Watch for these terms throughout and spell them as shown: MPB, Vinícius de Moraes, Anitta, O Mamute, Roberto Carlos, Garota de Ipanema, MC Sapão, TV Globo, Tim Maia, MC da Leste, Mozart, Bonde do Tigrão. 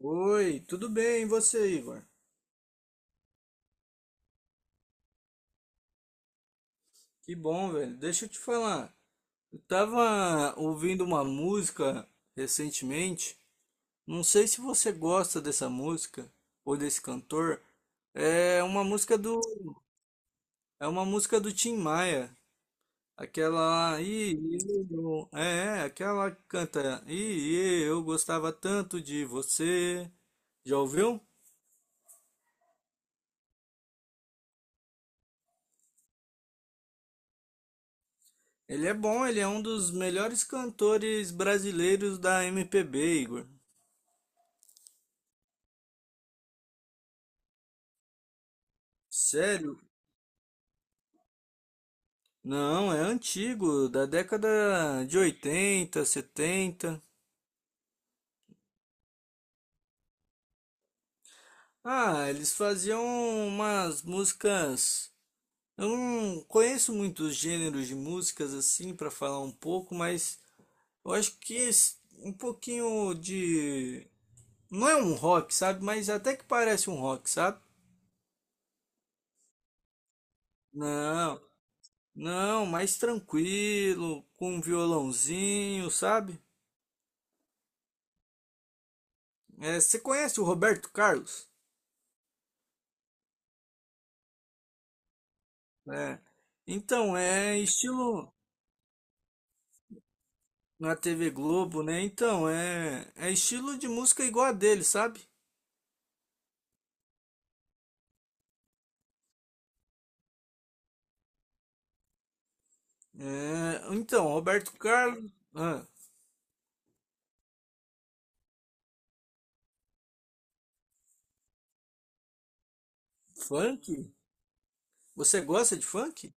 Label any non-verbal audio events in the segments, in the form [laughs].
Oi, tudo bem? E você, Igor? Que bom, velho. Deixa eu te falar. Eu tava ouvindo uma música recentemente. Não sei se você gosta dessa música ou desse cantor. É uma música do é uma música do Tim Maia. Aquela e aquela que canta e eu gostava tanto de você. Já ouviu? Ele é bom, ele é um dos melhores cantores brasileiros da MPB, Igor. Sério? Não, é antigo, da década de 80, 70. Ah, eles faziam umas músicas. Eu não conheço muitos gêneros de músicas assim para falar um pouco, mas eu acho que um pouquinho de. Não é um rock, sabe? Mas até que parece um rock, sabe? Não, não, mais tranquilo, com um violãozinho, sabe? É, você conhece o Roberto Carlos? É. Então, é estilo na TV Globo, né? Então, é estilo de música igual a dele, sabe? É, então, Roberto Carlos, funk? Você gosta de funk?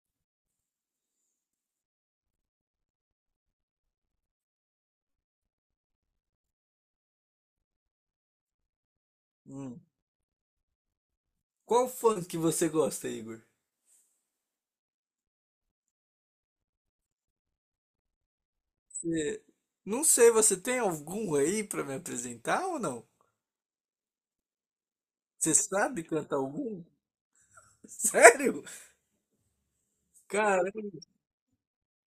Hum. Qual funk você gosta, Igor? Você- não sei, você tem algum aí pra me apresentar ou não? Você sabe cantar algum? [laughs] Sério? Caramba,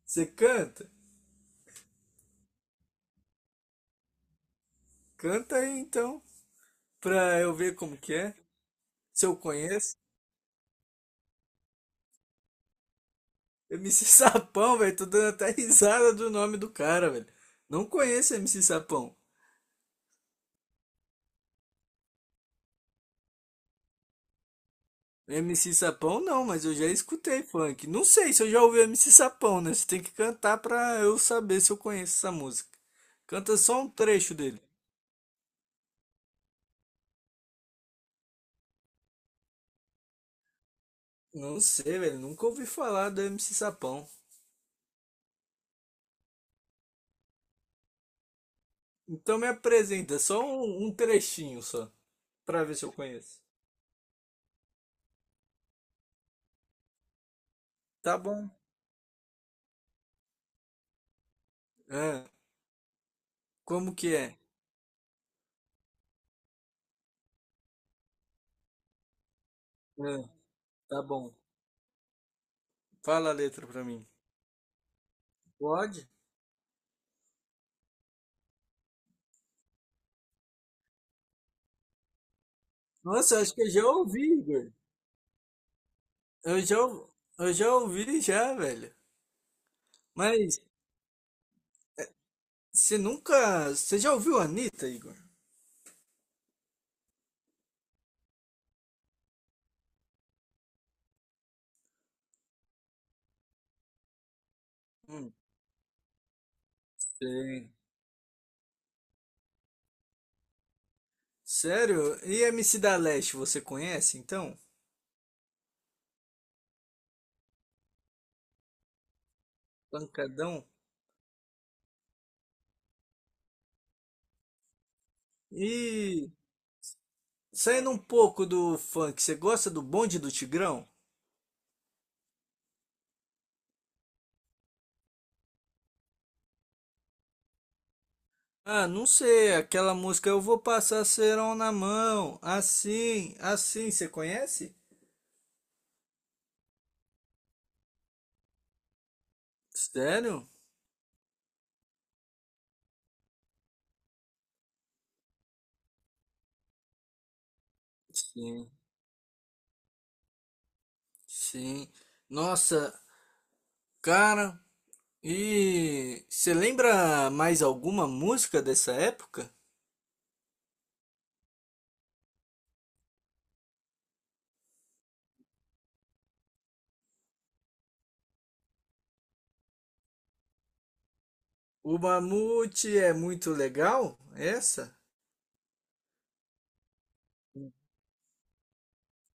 você canta? Canta aí então, pra eu ver como que é, se eu conheço. MC [laughs] Sapão, velho. Tô dando até risada do nome do cara, velho. Não conheço MC Sapão. MC Sapão não, mas eu já escutei funk. Não sei se eu já ouvi MC Sapão, né? Você tem que cantar pra eu saber se eu conheço essa música. Canta só um trecho dele. Não sei, velho. Nunca ouvi falar do MC Sapão. Então me apresenta só um, um trechinho só, pra ver se eu conheço. Tá bom. Ah, como que é? Ah, tá bom. Fala a letra pra mim. Pode? Nossa, eu acho que eu já ouvi, Igor. Eu já, ou- eu já ouvi já, velho. Mas você nunca. Você já ouviu a Anitta, Igor? Hum, sim. Sério? E MC da Leste, você conhece então? Pancadão? E saindo um pouco do funk, você gosta do Bonde do Tigrão? Ah, não sei, aquela música Eu Vou Passar Cerol na Mão, assim, assim, você conhece? Sério? Sim, sim. Nossa, cara, e você lembra mais alguma música dessa época? O Mamute é muito legal, essa?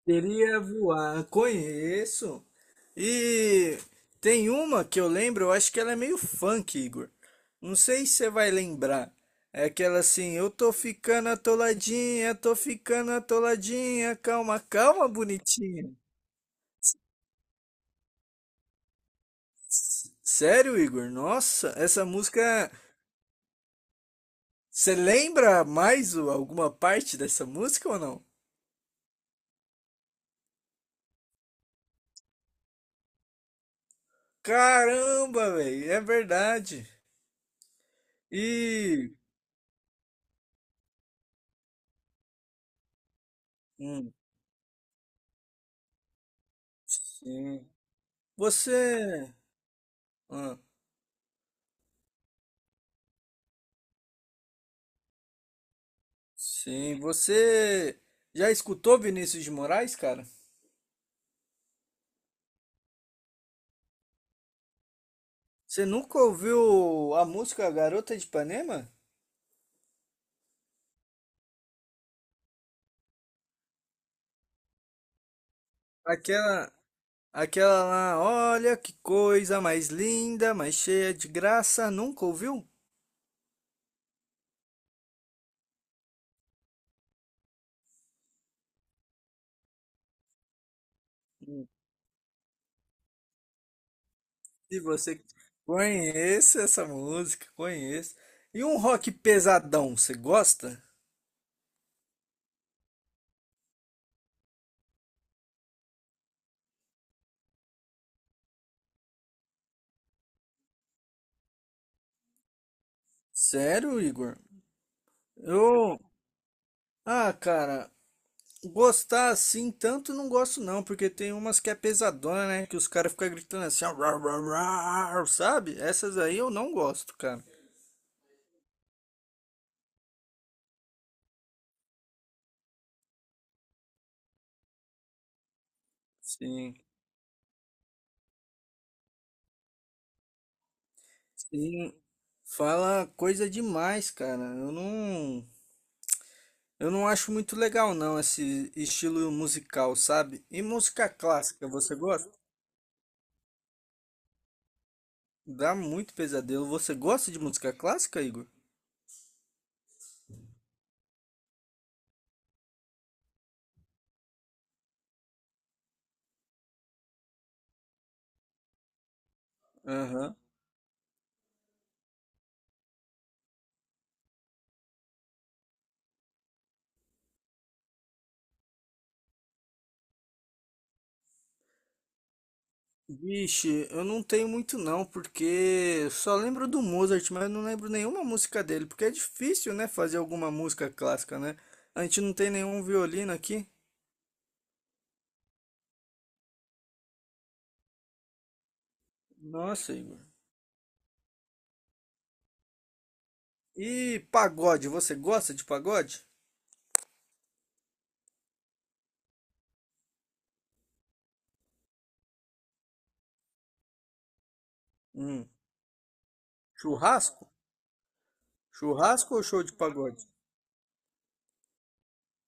Queria voar, conheço. E tem uma que eu lembro, eu acho que ela é meio funk, Igor. Não sei se você vai lembrar. É aquela assim, eu tô ficando atoladinha, calma, calma, bonitinha. Sério, Igor? Nossa, essa música. Você lembra mais alguma parte dessa música ou não? Caramba, velho, é verdade. E. Hum, sim. Você. Ah, sim, você já escutou Vinícius de Moraes, cara? Você nunca ouviu a música Garota de Ipanema? Aquela, aquela lá, olha que coisa mais linda, mais cheia de graça, nunca ouviu? Se você conhece essa música, conhece. E um rock pesadão, você gosta? Sério, Igor? Eu, ah, cara, gostar assim tanto não gosto não, porque tem umas que é pesadona, né? Que os caras ficam gritando assim, ó, "Rau, rau, rau", sabe? Essas aí eu não gosto, cara. Sim, sim. Fala coisa demais, cara. Eu não acho muito legal não esse estilo musical, sabe? E música clássica, você gosta? Dá muito pesadelo. Você gosta de música clássica, Igor? Aham. Vixe, eu não tenho muito não, porque eu só lembro do Mozart, mas eu não lembro nenhuma música dele, porque é difícil, né, fazer alguma música clássica, né? A gente não tem nenhum violino aqui. Nossa, Igor. E pagode, você gosta de pagode? Hum. Churrasco? Churrasco ou show de pagode?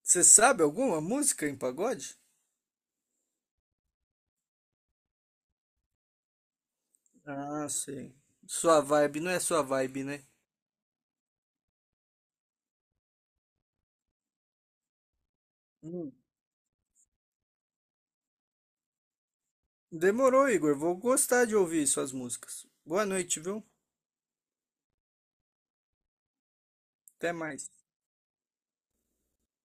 Você sabe alguma música em pagode? Ah, sei. Sua vibe não é sua vibe, né? Demorou, Igor. Vou gostar de ouvir suas músicas. Boa noite, viu? Até mais.